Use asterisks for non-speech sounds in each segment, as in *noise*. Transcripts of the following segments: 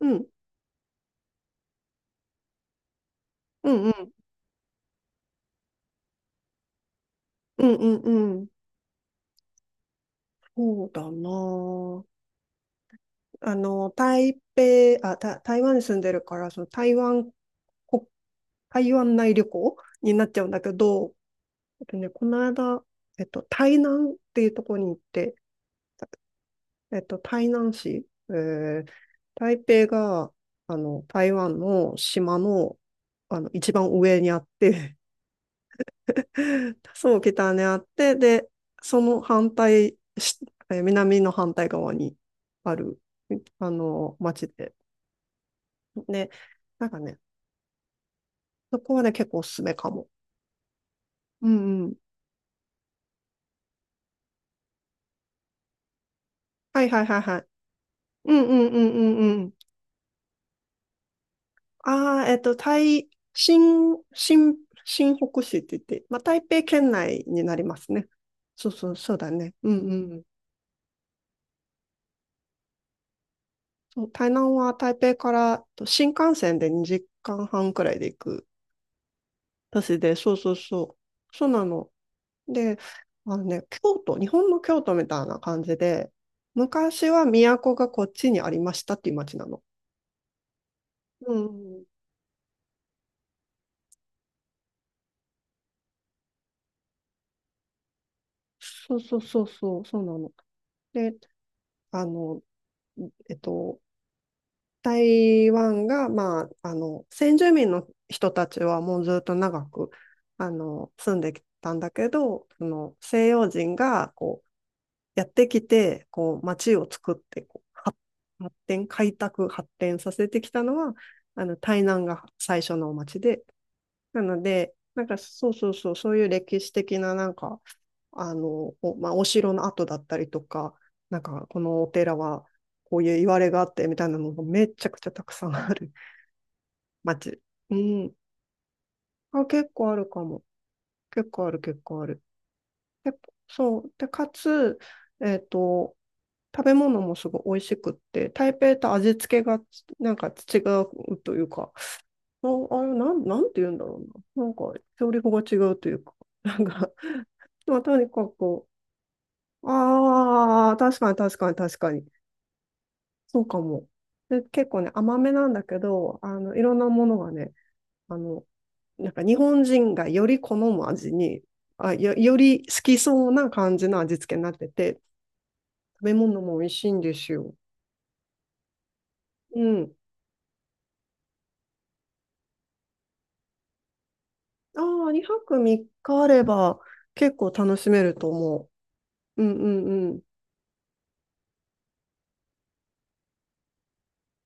うん、うん、うん、うん、うん、うん。そうだなあ。台北、台湾に住んでるから、その台湾、こ、台湾内旅行になっちゃうんだけど、この間、台南っていうところに行って、台南市、台北が、あの、台湾の島の、あの、一番上にあって、そう、北にあって、で、その反対し、え、南の反対側にある、あの、町で。で、なんかね、そこはね、結構おすすめかも。うんうん。はいはいはいはい。うんうんうんうんうん。ああ、えっと、台、新、新、新北市って言って、まあ、台北県内になりますね。そうそう、そうだね。うんうん。そう、台南は台北からと新幹線で2時間半くらいで行く。私で、そうそうそう。そうなの。で、あのね、京都、日本の京都みたいな感じで、昔は都がこっちにありましたっていう町なの。うん。そうそうそうそう、そうなの。で、あの、えっと、台湾が、まあ、あの、先住民の人たちはもうずっと長く、あの、住んできたんだけど、その西洋人がこう、やってきて、こう、町を作って、こう発展、開拓、発展させてきたのは、あの、台南が最初の町で、なので、なんかそうそうそう、そういう歴史的ななんか、まあ、お城の跡だったりとか、なんかこのお寺はこういう言われがあってみたいなのがめちゃくちゃたくさんある *laughs* 町。うん。あ、結構あるかも。結構ある、結構ある。で、そう。で、かつ、えっと、食べ物もすごい美味しくって、台北と味付けがなんか違うというか、あ、あれ、なん、なんて言うんだろうな。なんか、調理法が違うというか、*laughs* なんか、まあ、とにかく、ああ、確かに確かに確かに。そうかも。で、結構ね、甘めなんだけど、あの、いろんなものがね、あの、なんか日本人がより好む味に、あ、よ、より好きそうな感じの味付けになってて、食べ物も美味しいんですよ。うん。ああ、2泊3日あれば結構楽しめると思う。うんうんうん。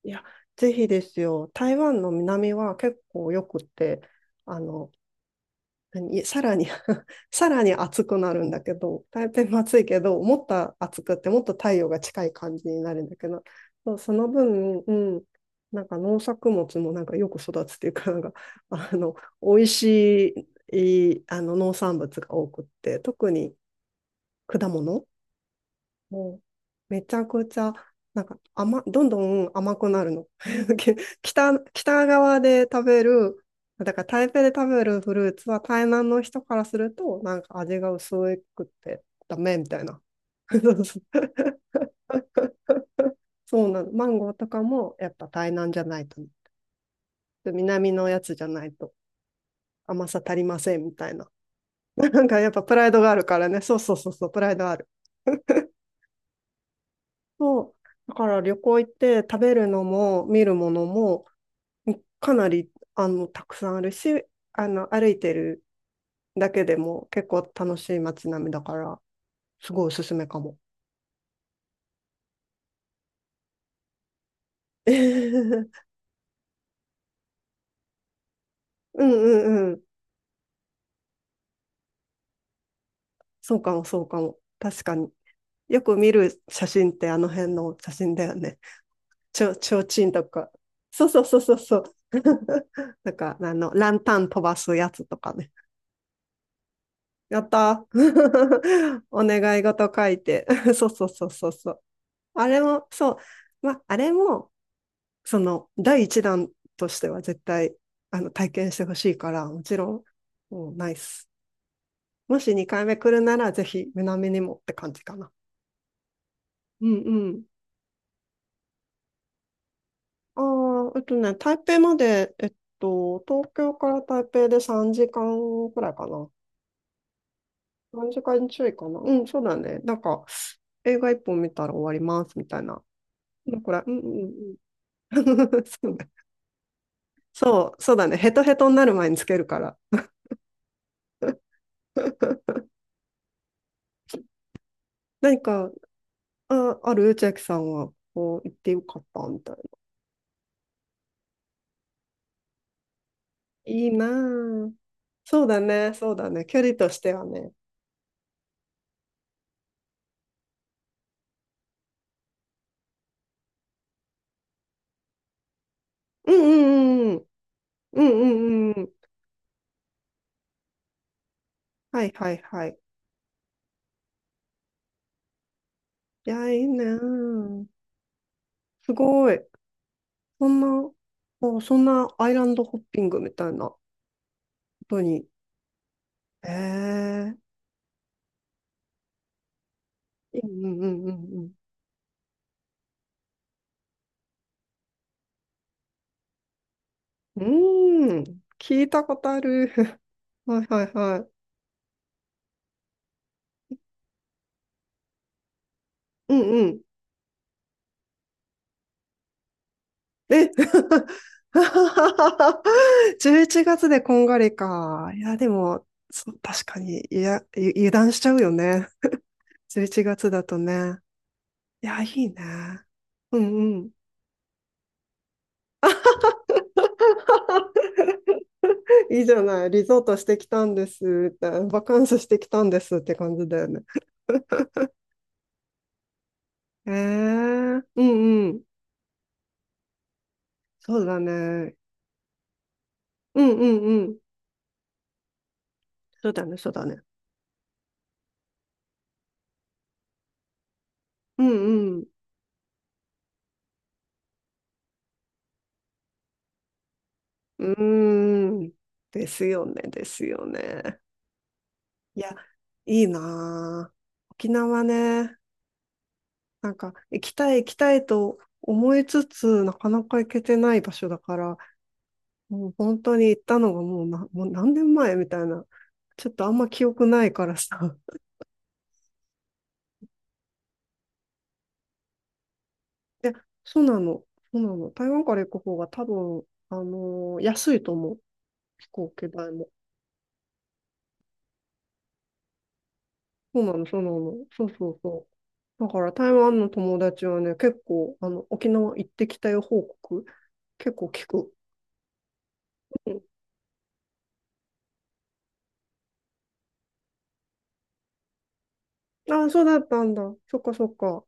いや、ぜひですよ。台湾の南は結構よくって、あの、さらに *laughs* さらに暑くなるんだけど、台北も暑いけど、もっと暑くってもっと太陽が近い感じになるんだけど、そうその分、うん、なんか農作物もなんかよく育つっていうか、なんか、*laughs* あの、美味しい、あの農産物が多くって、特に果物もう、めちゃくちゃ、なんか甘、どんどん甘くなるの。*laughs* 北側で食べる、だから台北で食べるフルーツは台南の人からすると、なんか味が薄くってダメみたいな。*laughs* そうそうそうなの。マンゴーとかもやっぱ台南じゃないとね。で南のやつじゃないと甘さ足りませんみたいな。*laughs* なんかやっぱプライドがあるからね。そうそうそうそう、プライドある。そう。だから旅行行って食べるのも見るものも、かなり、あの、たくさんあるし、あの、歩いてるだけでも結構楽しい街並みだから、すごいおすすめかも。*laughs* うんうんうん。そうかも、そうかも。確かに。よく見る写真ってあの辺の写真だよね。ちょうちんとか。そうそうそうそうそう。*laughs* なんか、あの、ランタン飛ばすやつとかね。やったー *laughs* お願い事書いて。*laughs* そうそうそうそうそう。あれも、そう。まあ、あれも、その第一弾としては絶対あの体験してほしいから、もちろん、もうナイス。もし2回目来るなら、ぜひ南にもって感じかな。うんうん、あ台北まで、東京から台北で3時間くらいかな。3時間ちょいかな。うん、そうだね。なんか、映画1本見たら終わります、みたいな。うんこれ、うん。うんうんうん。*laughs* そうね。そう、そうだね。ヘトヘトになる前につけるから。何かあ、ある、千秋さんは、こう、行ってよかったみたいな。いいなぁ。そうだね、そうだね。距離としてはね。うんうんうんうん。うんうんうん。はいはいはい。いや、いいねぁ。すごい。そんな、そんなアイランドホッピングみたいなことに。ええ、うんうんうんうんうん。うーん。聞いたことある。*laughs* はいはいはい。うんうん。え *laughs* 11月でこんがりか。いや、でも、確かに、いや、油断しちゃうよね。11月だとね。いや、いいね。うんうん。*laughs* いいじゃない。リゾートしてきたんですって、バカンスしてきたんですって感じだよね。えー、うんうん。そうだね。うんうんうん。そうだね、そうだね。うんうん。うーん。ですよね、ですよね。いや、いいなぁ。沖縄ね、なんか行きたい行きたいと思いつつ、なかなか行けてない場所だから、もう本当に行ったのがもうな、もう何年前みたいな。ちょっとあんま記憶ないからさ。*laughs* いや、そうなの。そうなの。台湾から行く方が多分、あのー安いと思う。飛行機代も。そうなの、そうなの。そうそうそう。だから台湾の友達はね、結構、あの、沖縄行ってきたよ報告、結構聞く。あ、そうだったんだ。そっかそっか。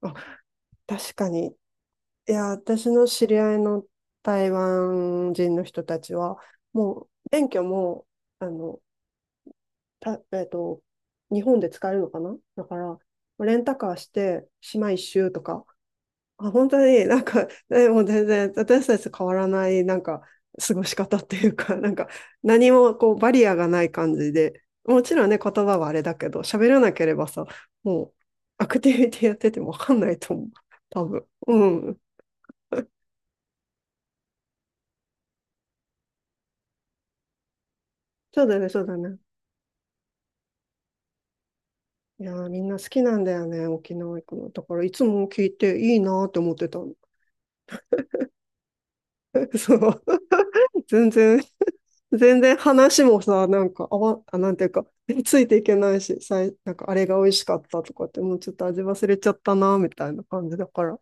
あ、確かに。いや、私の知り合いの台湾人の人たちは、もう、免許も、あの、た、えっと、日本で使えるのかなだから、レンタカーして、島一周とか、あ、本当になんか、もう全然私たちと変わらないなんか過ごし方っていうか、なんか何もこうバリアがない感じで、もちろんね、言葉はあれだけど、喋らなければさ、もうアクティビティやっててもわかんないと思う。多分。うん。そうだね、そうだね。いやー、みんな好きなんだよね、沖縄行くの。だからいつも聞いていいなーって思ってたの。*laughs* そう。*laughs* 全然全然話もさ、なんか、あわ、あ、なんていうか、*laughs* ついていけないし、なんか、あれが美味しかったとかって、もうちょっと味忘れちゃったな、みたいな感じだから、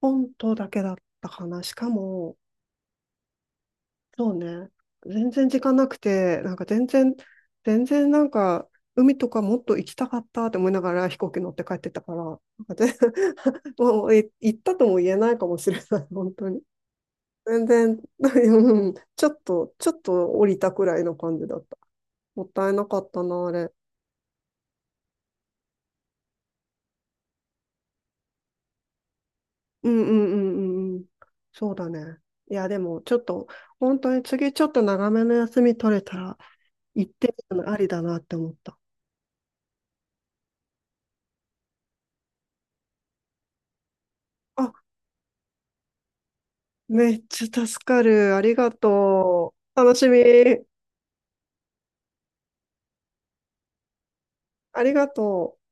本当だけだったかな。しかも、そうね、全然時間なくて、なんか全然、なんか、海とかもっと行きたかったって思いながら飛行機乗って帰ってたから、なんか全 *laughs* もうい行ったとも言えないかもしれない、本当に。全然、*laughs* うん、ちょっと降りたくらいの感じだった。もったいなかったな、あれ。うんうんうんうんうん。そうだね。いや、でも、ちょっと、本当に次、ちょっと長めの休み取れたら、行ってみるのありだなって思った。あ、めっちゃ助かる。ありがとう。楽しみ。ありがとう。